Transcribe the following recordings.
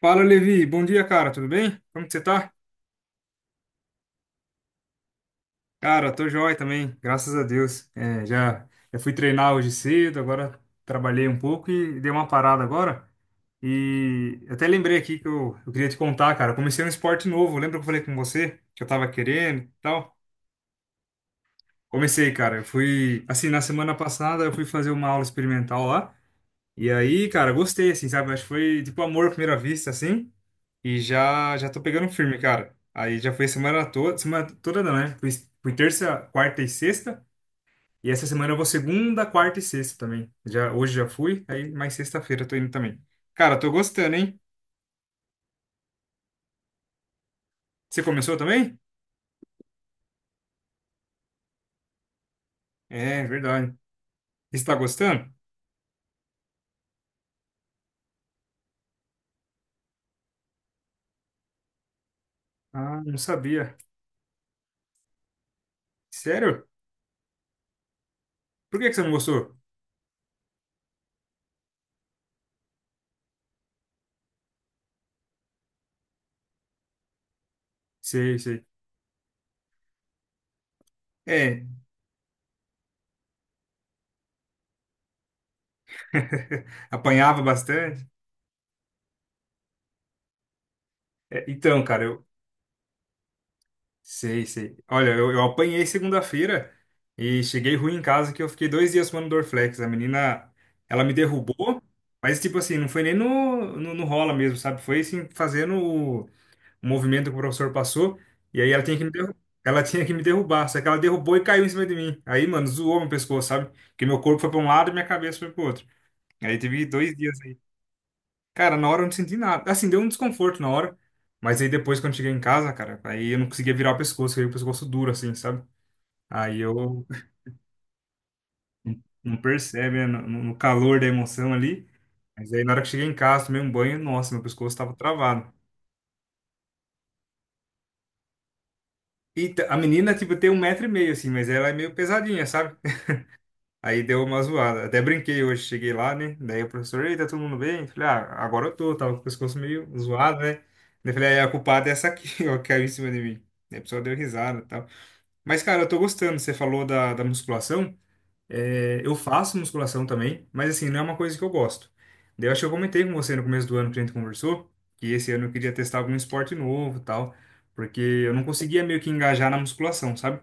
Fala, Levi. Bom dia, cara. Tudo bem? Como que você tá? Cara, tô jóia também, graças a Deus. É, já fui treinar hoje cedo, agora trabalhei um pouco e dei uma parada agora. E eu até lembrei aqui que eu queria te contar, cara. Eu comecei um esporte novo. Lembra que eu falei com você que eu tava querendo e tal? Comecei, cara. Eu fui, assim, na semana passada eu fui fazer uma aula experimental lá. E aí, cara, gostei, assim, sabe? Acho que foi tipo amor à primeira vista, assim. E já já tô pegando firme, cara. Aí já foi semana toda não, né? Fui terça, quarta e sexta. E essa semana eu vou segunda, quarta e sexta também. Já, hoje já fui, aí mais sexta-feira eu tô indo também. Cara, tô gostando, hein? Você começou também? É, verdade. Você tá gostando? Ah, não sabia. Sério? Por que que você não gostou? Sei, sei. É, apanhava bastante. É, então, cara, eu, sei, sei. Olha, eu apanhei segunda-feira e cheguei ruim em casa que eu fiquei dois dias tomando Dorflex. A menina, ela me derrubou, mas tipo assim, não foi nem no rola mesmo, sabe? Foi assim, fazendo o movimento que o professor passou. E aí ela tinha que me derrubar. Ela tinha que me derrubar, só que ela derrubou e caiu em cima de mim. Aí, mano, zoou meu pescoço, sabe? Porque meu corpo foi pra um lado e minha cabeça foi pro outro. Aí teve dois dias. Cara, na hora eu não senti nada. Assim, deu um desconforto na hora. Mas aí depois, quando cheguei em casa, cara, aí eu não conseguia virar o pescoço, aí o pescoço duro, assim, sabe? Aí eu não percebe, né, no calor da emoção ali. Mas aí na hora que cheguei em casa, tomei um banho, nossa, meu pescoço tava travado. E a menina, tipo, tem um metro e meio, assim, mas ela é meio pesadinha, sabe? Aí deu uma zoada. Até brinquei hoje, cheguei lá, né? Daí o professor, ei, tá todo mundo bem? Falei, ah, agora eu tava com o pescoço meio zoado, né? Daí eu falei, ah, é, a culpada é essa aqui, ó, que caiu em cima de mim. Daí a pessoa deu risada e tal. Mas, cara, eu tô gostando. Você falou da musculação. É, eu faço musculação também, mas assim, não é uma coisa que eu gosto. Daí eu acho que eu comentei com você no começo do ano que a gente conversou, que esse ano eu queria testar algum esporte novo e tal, porque eu não conseguia meio que engajar na musculação, sabe?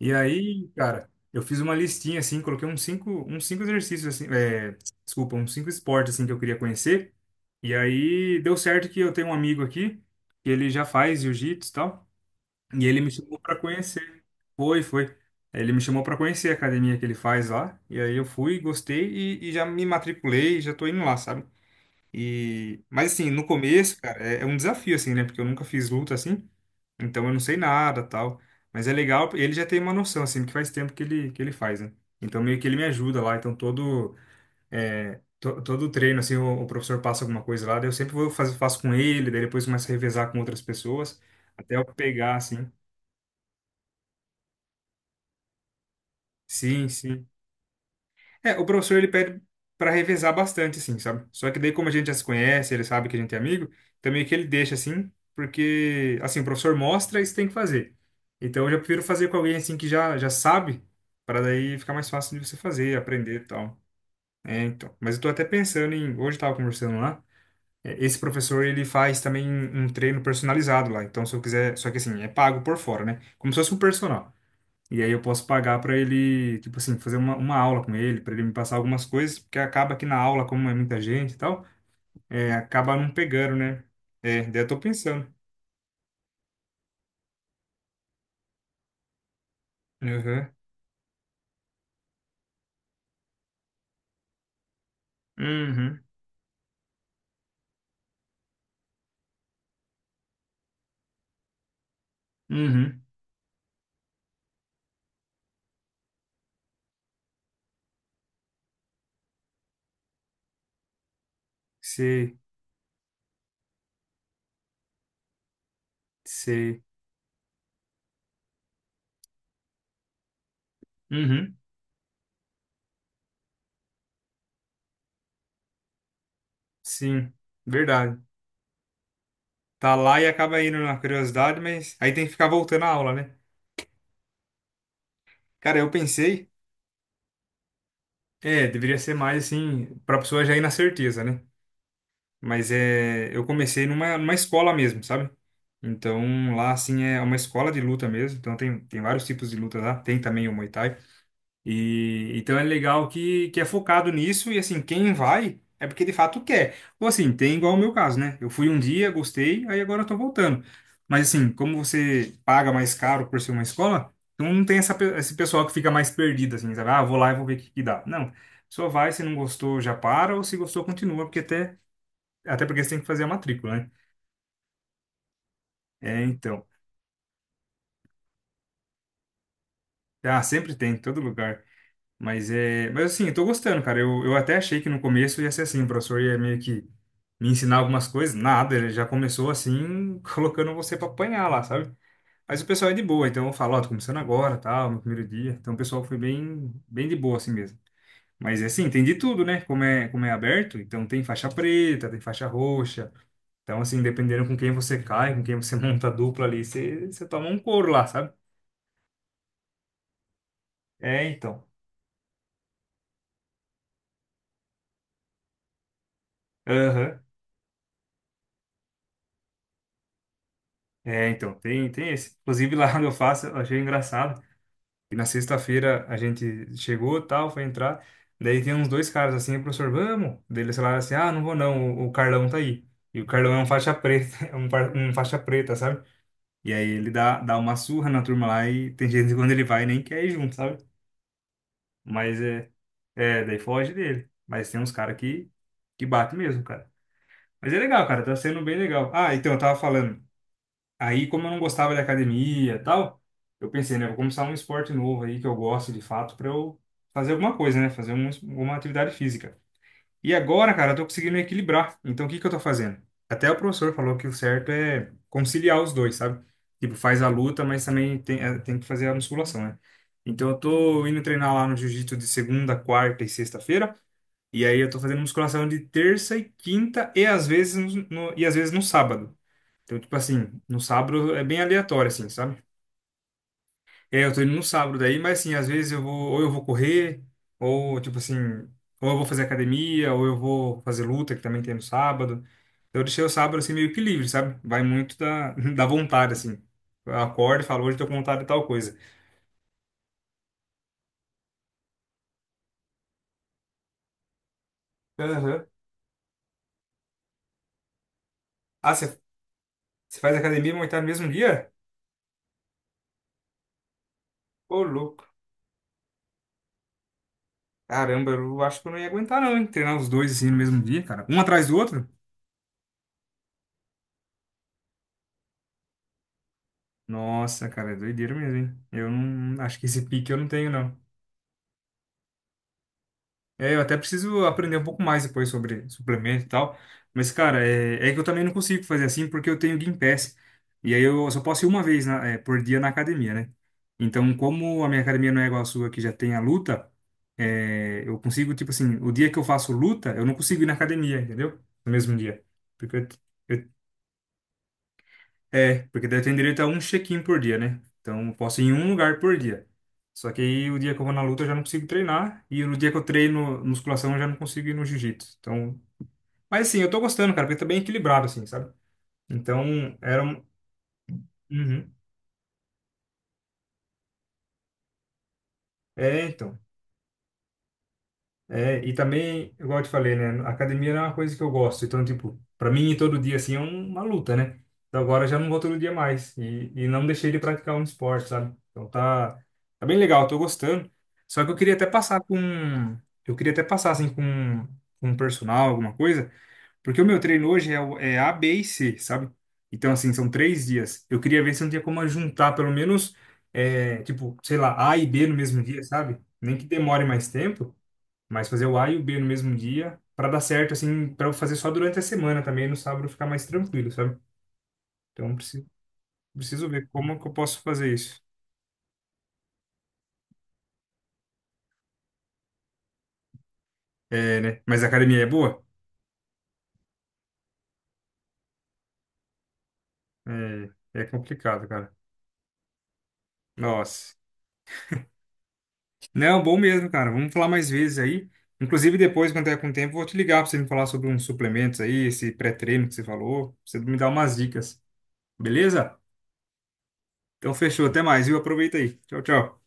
E aí, cara, eu fiz uma listinha assim, coloquei uns cinco exercícios assim, é, desculpa, uns cinco esportes assim que eu queria conhecer. E aí deu certo que eu tenho um amigo aqui que ele já faz jiu-jitsu e tal, e ele me chamou pra conhecer. Foi, foi. Ele me chamou pra conhecer a academia que ele faz lá, e aí eu fui, gostei e já me matriculei, já tô indo lá, sabe? E, mas assim, no começo, cara, é um desafio, assim, né? Porque eu nunca fiz luta assim, então eu não sei nada, tal. Mas é legal, ele já tem uma noção, assim, porque faz tempo que ele faz, né? Então meio que ele me ajuda lá, então todo o treino, assim, o professor passa alguma coisa lá, daí eu sempre faço com ele, daí depois começo a revezar com outras pessoas, até eu pegar, assim. Sim, sim. É, o professor ele pede para revezar bastante, assim, sabe? Só que daí, como a gente já se conhece, ele sabe que a gente é amigo, então meio que ele deixa assim, porque, assim, o professor mostra e você tem que fazer. Então eu já prefiro fazer com alguém, assim, que já sabe, para daí ficar mais fácil de você fazer, aprender e tal. É, então. Mas eu tô até pensando em. Hoje eu tava conversando lá, é, esse professor ele faz também um treino personalizado lá. Então, se eu quiser. Só que assim, é pago por fora, né? Como se fosse um personal. E aí eu posso pagar para ele, tipo assim, fazer uma aula com ele, para ele me passar algumas coisas, porque acaba que na aula, como é muita gente e tal, é, acaba não pegando, né? É, daí eu tô pensando. Uhum. Uhum. Uhum. Sei, sei. Uhum. Sim, verdade. Tá lá e acaba indo na curiosidade, mas aí tem que ficar voltando à aula, né? Cara, eu pensei, é, deveria ser mais assim, pra pessoa já ir na certeza, né? Mas é, eu comecei numa escola mesmo, sabe? Então lá, assim, é uma escola de luta mesmo. Então tem vários tipos de luta lá. Tem também o Muay Thai. E então é legal que é focado nisso. E assim, quem vai é porque de fato quer. Ou assim, tem igual o meu caso, né? Eu fui um dia, gostei, aí agora eu tô voltando. Mas assim, como você paga mais caro por ser uma escola, então não tem esse pessoal que fica mais perdido, assim, sabe? Ah, vou lá e vou ver o que que dá. Não. Só vai, se não gostou, já para, ou se gostou, continua, porque até porque você tem que fazer a matrícula, né? É, então. Ah, sempre tem, em todo lugar. Mas é. Mas assim, eu tô gostando, cara. Eu até achei que no começo ia ser assim, o professor ia meio que me ensinar algumas coisas. Nada, ele já começou assim, colocando você pra apanhar lá, sabe? Mas o pessoal é de boa, então eu falo, ó, tô começando agora, tal, meu primeiro dia. Então o pessoal foi bem, bem de boa assim mesmo. Mas é assim, tem de tudo, né? Como é aberto, então tem faixa preta, tem faixa roxa. Então, assim, dependendo com quem você cai, com quem você monta a dupla ali, você toma um couro lá, sabe? É, então. Aham. É, então, tem esse. Inclusive, lá onde eu faço, eu achei engraçado. E na sexta-feira a gente chegou, tal, foi entrar. Daí tem uns dois caras assim, professor, vamos? Daí eles falaram assim, ah, não vou não, o Carlão tá aí. E o Carlão é um faixa preta, é um faixa preta, sabe? E aí ele dá uma surra na turma lá e tem gente que quando ele vai nem quer ir junto, sabe? Mas é, daí foge dele. Mas tem uns caras que bate mesmo, cara. Mas é legal, cara, tá sendo bem legal. Ah, então, eu tava falando. Aí, como eu não gostava de academia e tal, eu pensei, né, vou começar um esporte novo aí que eu gosto de fato pra eu fazer alguma coisa, né, fazer uma atividade física. E agora, cara, eu tô conseguindo equilibrar. Então, o que que eu tô fazendo? Até o professor falou que o certo é conciliar os dois, sabe? Tipo, faz a luta, mas também tem que fazer a musculação, né? Então, eu tô indo treinar lá no jiu-jitsu de segunda, quarta e sexta-feira. E aí, eu tô fazendo musculação de terça e quinta e às vezes e às vezes no sábado. Então, tipo assim, no sábado é bem aleatório, assim, sabe? E aí eu tô indo no sábado daí, mas assim, às vezes eu vou, ou eu vou correr, ou tipo assim, ou eu vou fazer academia, ou eu vou fazer luta, que também tem no sábado. Então eu deixei o sábado assim meio que livre, sabe? Vai muito da, da vontade, assim. Eu acordo e falo, hoje eu tô com vontade de tal coisa. Aham. Ah, você faz academia e montar no mesmo dia? Ô, louco. Caramba, eu acho que eu não ia aguentar não, hein? Treinar os dois assim no mesmo dia, cara. Um atrás do outro? Nossa, cara, é doideira mesmo, hein? Eu não acho que esse pique eu não tenho, não. É, eu até preciso aprender um pouco mais depois sobre suplemento e tal. Mas, cara, é que eu também não consigo fazer assim porque eu tenho Gympass. E aí eu só posso ir uma vez por dia na academia, né? Então, como a minha academia não é igual a sua, que já tem a luta, é, eu consigo, tipo assim, o dia que eu faço luta, eu não consigo ir na academia, entendeu? No mesmo dia. Porque eu. É, porque daí eu tenho direito a um check-in por dia, né? Então, eu posso ir em um lugar por dia. Só que aí, o dia que eu vou na luta, eu já não consigo treinar. E no dia que eu treino musculação, eu já não consigo ir no jiu-jitsu. Então, mas assim, eu tô gostando, cara, porque tá bem equilibrado, assim, sabe? Então, era um... Uhum. É, então. É, e também, igual eu te falei, né? a academia é uma coisa que eu gosto. Então, tipo, para mim, ir todo dia, assim, é uma luta, né? Então, agora eu já não vou todo dia mais. E não deixei de praticar um esporte, sabe? Então, tá, bem legal, tô gostando. Só que eu queria até passar com... Eu queria até passar, assim, com um personal, alguma coisa. Porque o meu treino hoje é A, B e C, sabe? Então, assim, são três dias. Eu queria ver se não tinha como juntar, pelo menos, tipo, sei lá, A e B no mesmo dia, sabe? Nem que demore mais tempo. Mas fazer o A e o B no mesmo dia, para dar certo, assim, para eu fazer só durante a semana também, no sábado ficar mais tranquilo, sabe? Então preciso ver como que eu posso fazer isso. É, né? Mas a academia é boa? É, é complicado, cara. Nossa. Não, bom mesmo, cara. Vamos falar mais vezes aí. Inclusive, depois, quando tiver com tempo, eu vou te ligar para você me falar sobre uns suplementos aí, esse pré-treino que você falou, pra você me dar umas dicas, beleza? Então, fechou. Até mais, viu? Aproveita aí. Tchau, tchau.